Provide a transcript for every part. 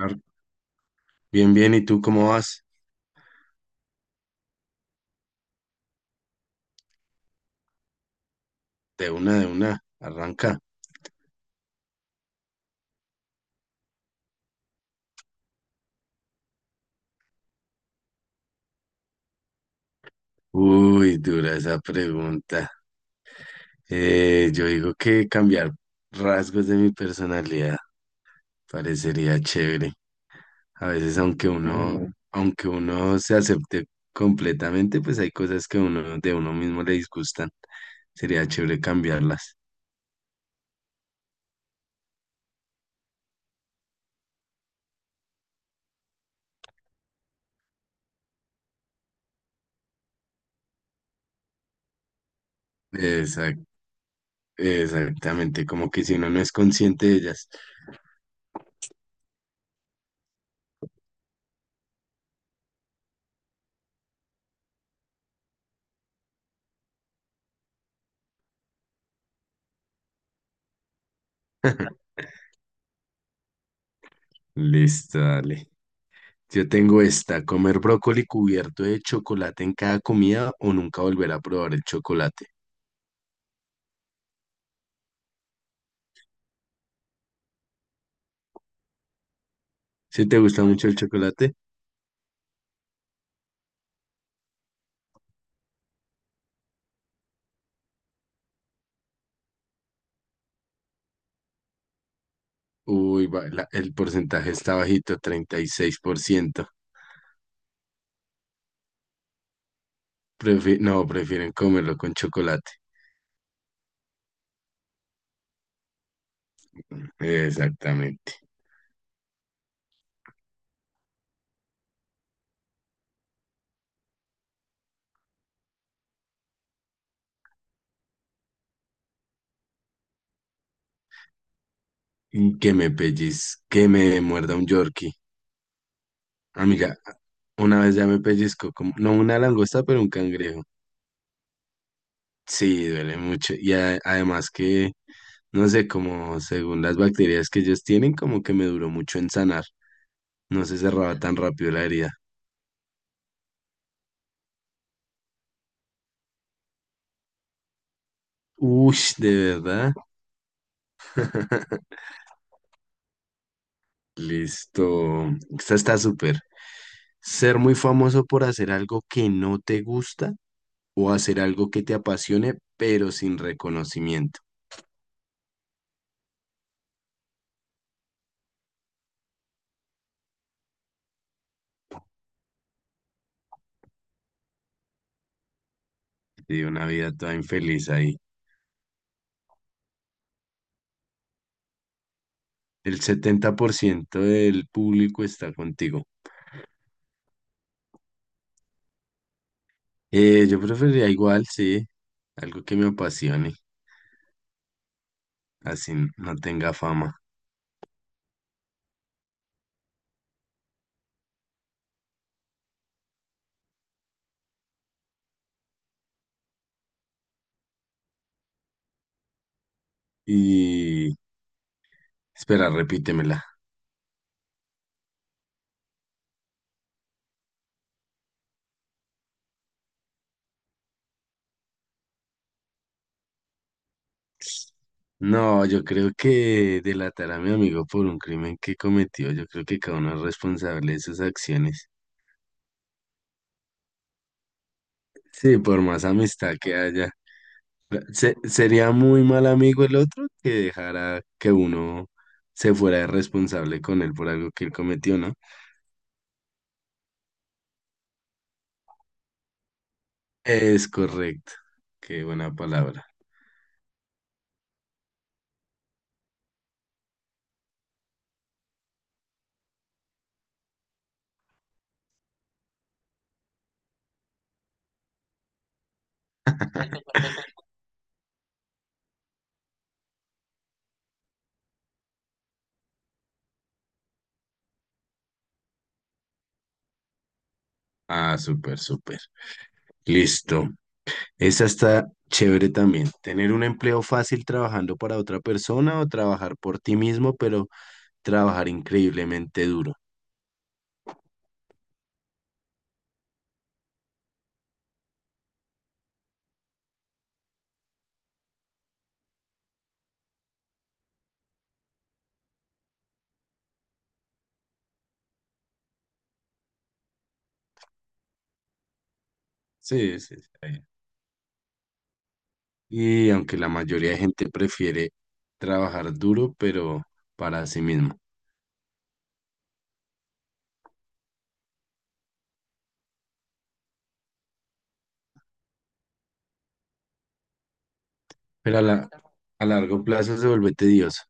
Ar- Bien, bien, ¿y tú cómo vas? De una, arranca. Uy, dura esa pregunta. Yo digo que cambiar rasgos de mi personalidad parecería chévere. A veces, aunque uno, Mm. aunque uno se acepte completamente, pues hay cosas que uno de uno mismo le disgustan. Sería chévere cambiarlas. Exac- exactamente, como que si uno no es consciente de ellas. Listo, dale. Yo tengo esta, comer brócoli cubierto de chocolate en cada comida o nunca volver a probar el chocolate. Si te gusta mucho el chocolate. Uy, el porcentaje está bajito, 36%. No, prefieren comerlo con chocolate. Exactamente. Y que me muerda un Yorkie. Amiga, una vez ya me pellizco, como, no una langosta, pero un cangrejo. Sí, duele mucho. Y además que, no sé, como según las bacterias que ellos tienen, como que me duró mucho en sanar. No se cerraba tan rápido la herida. Uy, de verdad. Listo. Esta está súper. Ser muy famoso por hacer algo que no te gusta o hacer algo que te apasione, pero sin reconocimiento. Y una vida toda infeliz ahí. El 70% del público está contigo. Yo preferiría igual, sí, algo que me apasione, así no tenga fama. Y espera, repítemela. No, yo creo que delatar a mi amigo por un crimen que cometió. Yo creo que cada uno es responsable de sus acciones. Sí, por más amistad que haya. Sería muy mal amigo el otro que dejara que uno se fuera irresponsable con él por algo que él cometió, ¿no? Es correcto. Qué buena palabra. Ah, súper, súper. Listo. Esa está chévere también. Tener un empleo fácil trabajando para otra persona o trabajar por ti mismo, pero trabajar increíblemente duro. Sí, sí, sí. Está bien. Y aunque la mayoría de gente prefiere trabajar duro, pero para sí mismo. Pero a largo plazo se vuelve tedioso.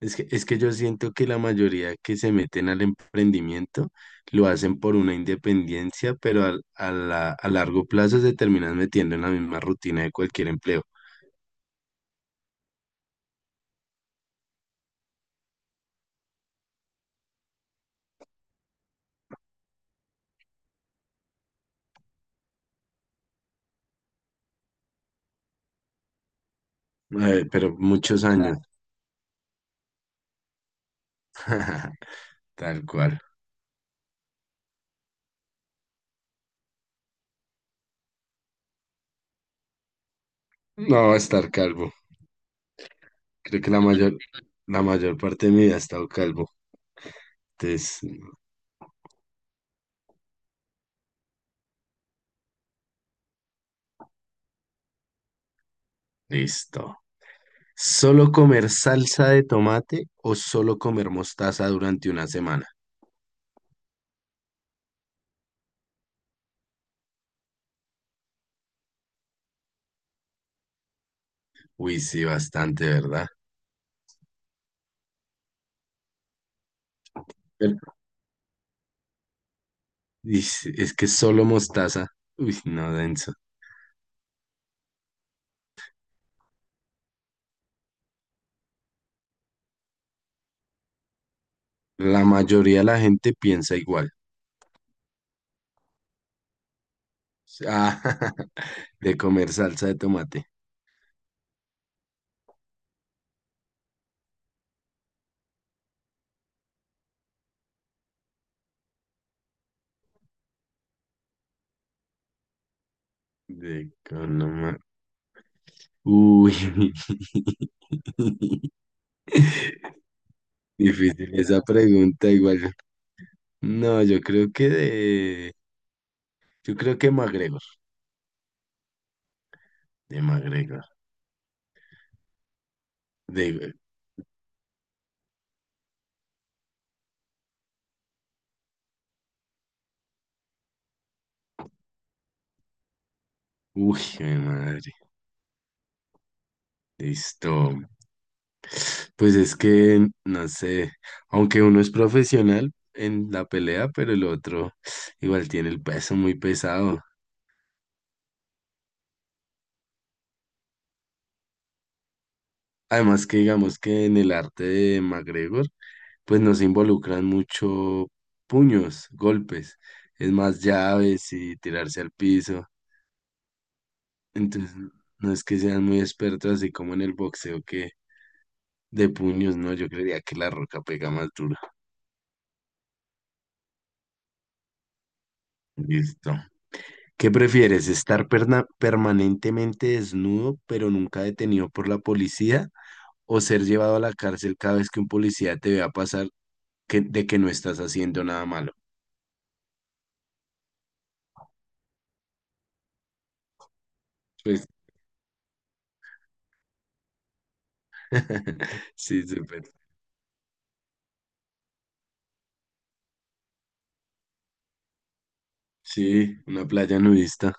Es que yo siento que la mayoría que se meten al emprendimiento lo hacen por una independencia, pero a largo plazo se terminan metiendo en la misma rutina de cualquier empleo. Pero muchos años. Tal cual. No, estar calvo. Creo que la mayor parte de mi vida he estado calvo. Entonces, listo. ¿Solo comer salsa de tomate o solo comer mostaza durante una semana? Uy, sí, bastante, ¿verdad? Pero- y sí, es que solo mostaza. Uy, no, denso. La mayoría de la gente piensa igual. Ah, de comer salsa de tomate. De con- no ma- Uy. Difícil esa pregunta, igual. No, yo creo que de. Yo creo que McGregor. De McGregor. De. Uy, mi madre. Listo. Pues es que, no sé. Aunque uno es profesional en la pelea, pero el otro igual tiene el peso muy pesado. Además que digamos que en el arte de McGregor, pues no se involucran mucho puños, golpes. Es más llaves y tirarse al piso. Entonces, no es que sean muy expertos así como en el boxeo que de puños. No, yo creería que La Roca pega más duro. Listo. ¿Qué prefieres? ¿Estar permanentemente desnudo pero nunca detenido por la policía o ser llevado a la cárcel cada vez que un policía te vea pasar que, de que no estás haciendo nada malo? Pues, sí, súper. Sí, una playa nudista.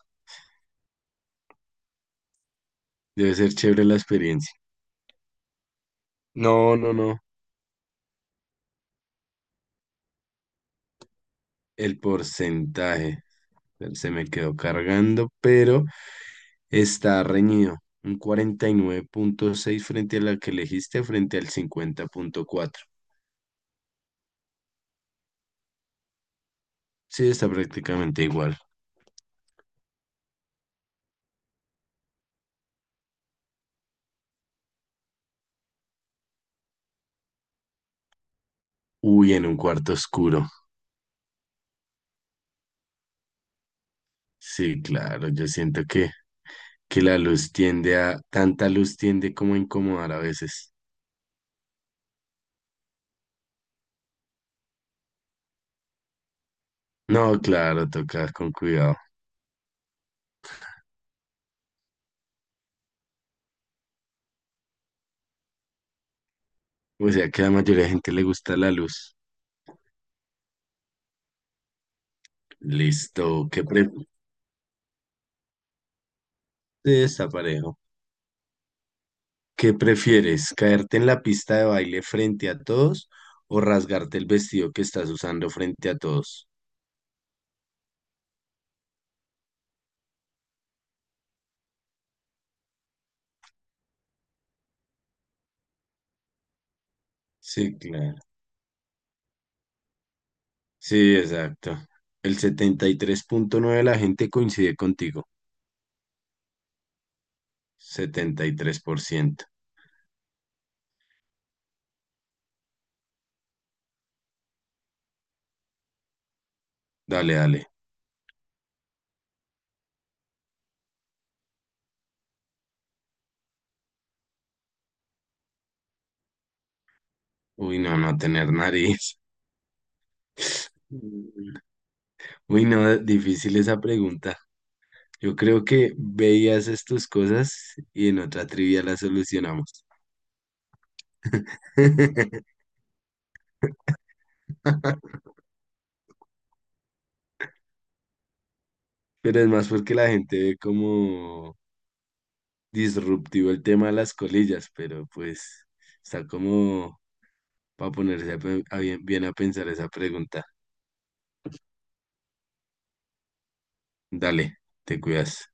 Debe ser chévere la experiencia. No, no, no. El porcentaje. Se me quedó cargando, pero está reñido, un 49.6 frente a la que elegiste, frente al 50.4. Sí, está prácticamente igual. Uy, en un cuarto oscuro. Sí, claro, yo siento que la luz tanta luz tiende como a incomodar a veces. No, claro, toca con cuidado. O sea que a la mayoría de gente le gusta la luz. Listo. Sí, está parejo. ¿Qué prefieres? ¿Caerte en la pista de baile frente a todos o rasgarte el vestido que estás usando frente a todos? Sí, claro. Sí, exacto. El 73.9 de la gente coincide contigo. 73%. Dale, dale. Uy, no, no tener nariz. Mm. Uy, no, difícil esa pregunta. Yo creo que veías estas cosas y en otra trivia las solucionamos. Pero es más porque la gente ve como disruptivo el tema de las colillas, pero pues está como para ponerse a a bien, bien a pensar esa pregunta. Dale, te cuidas.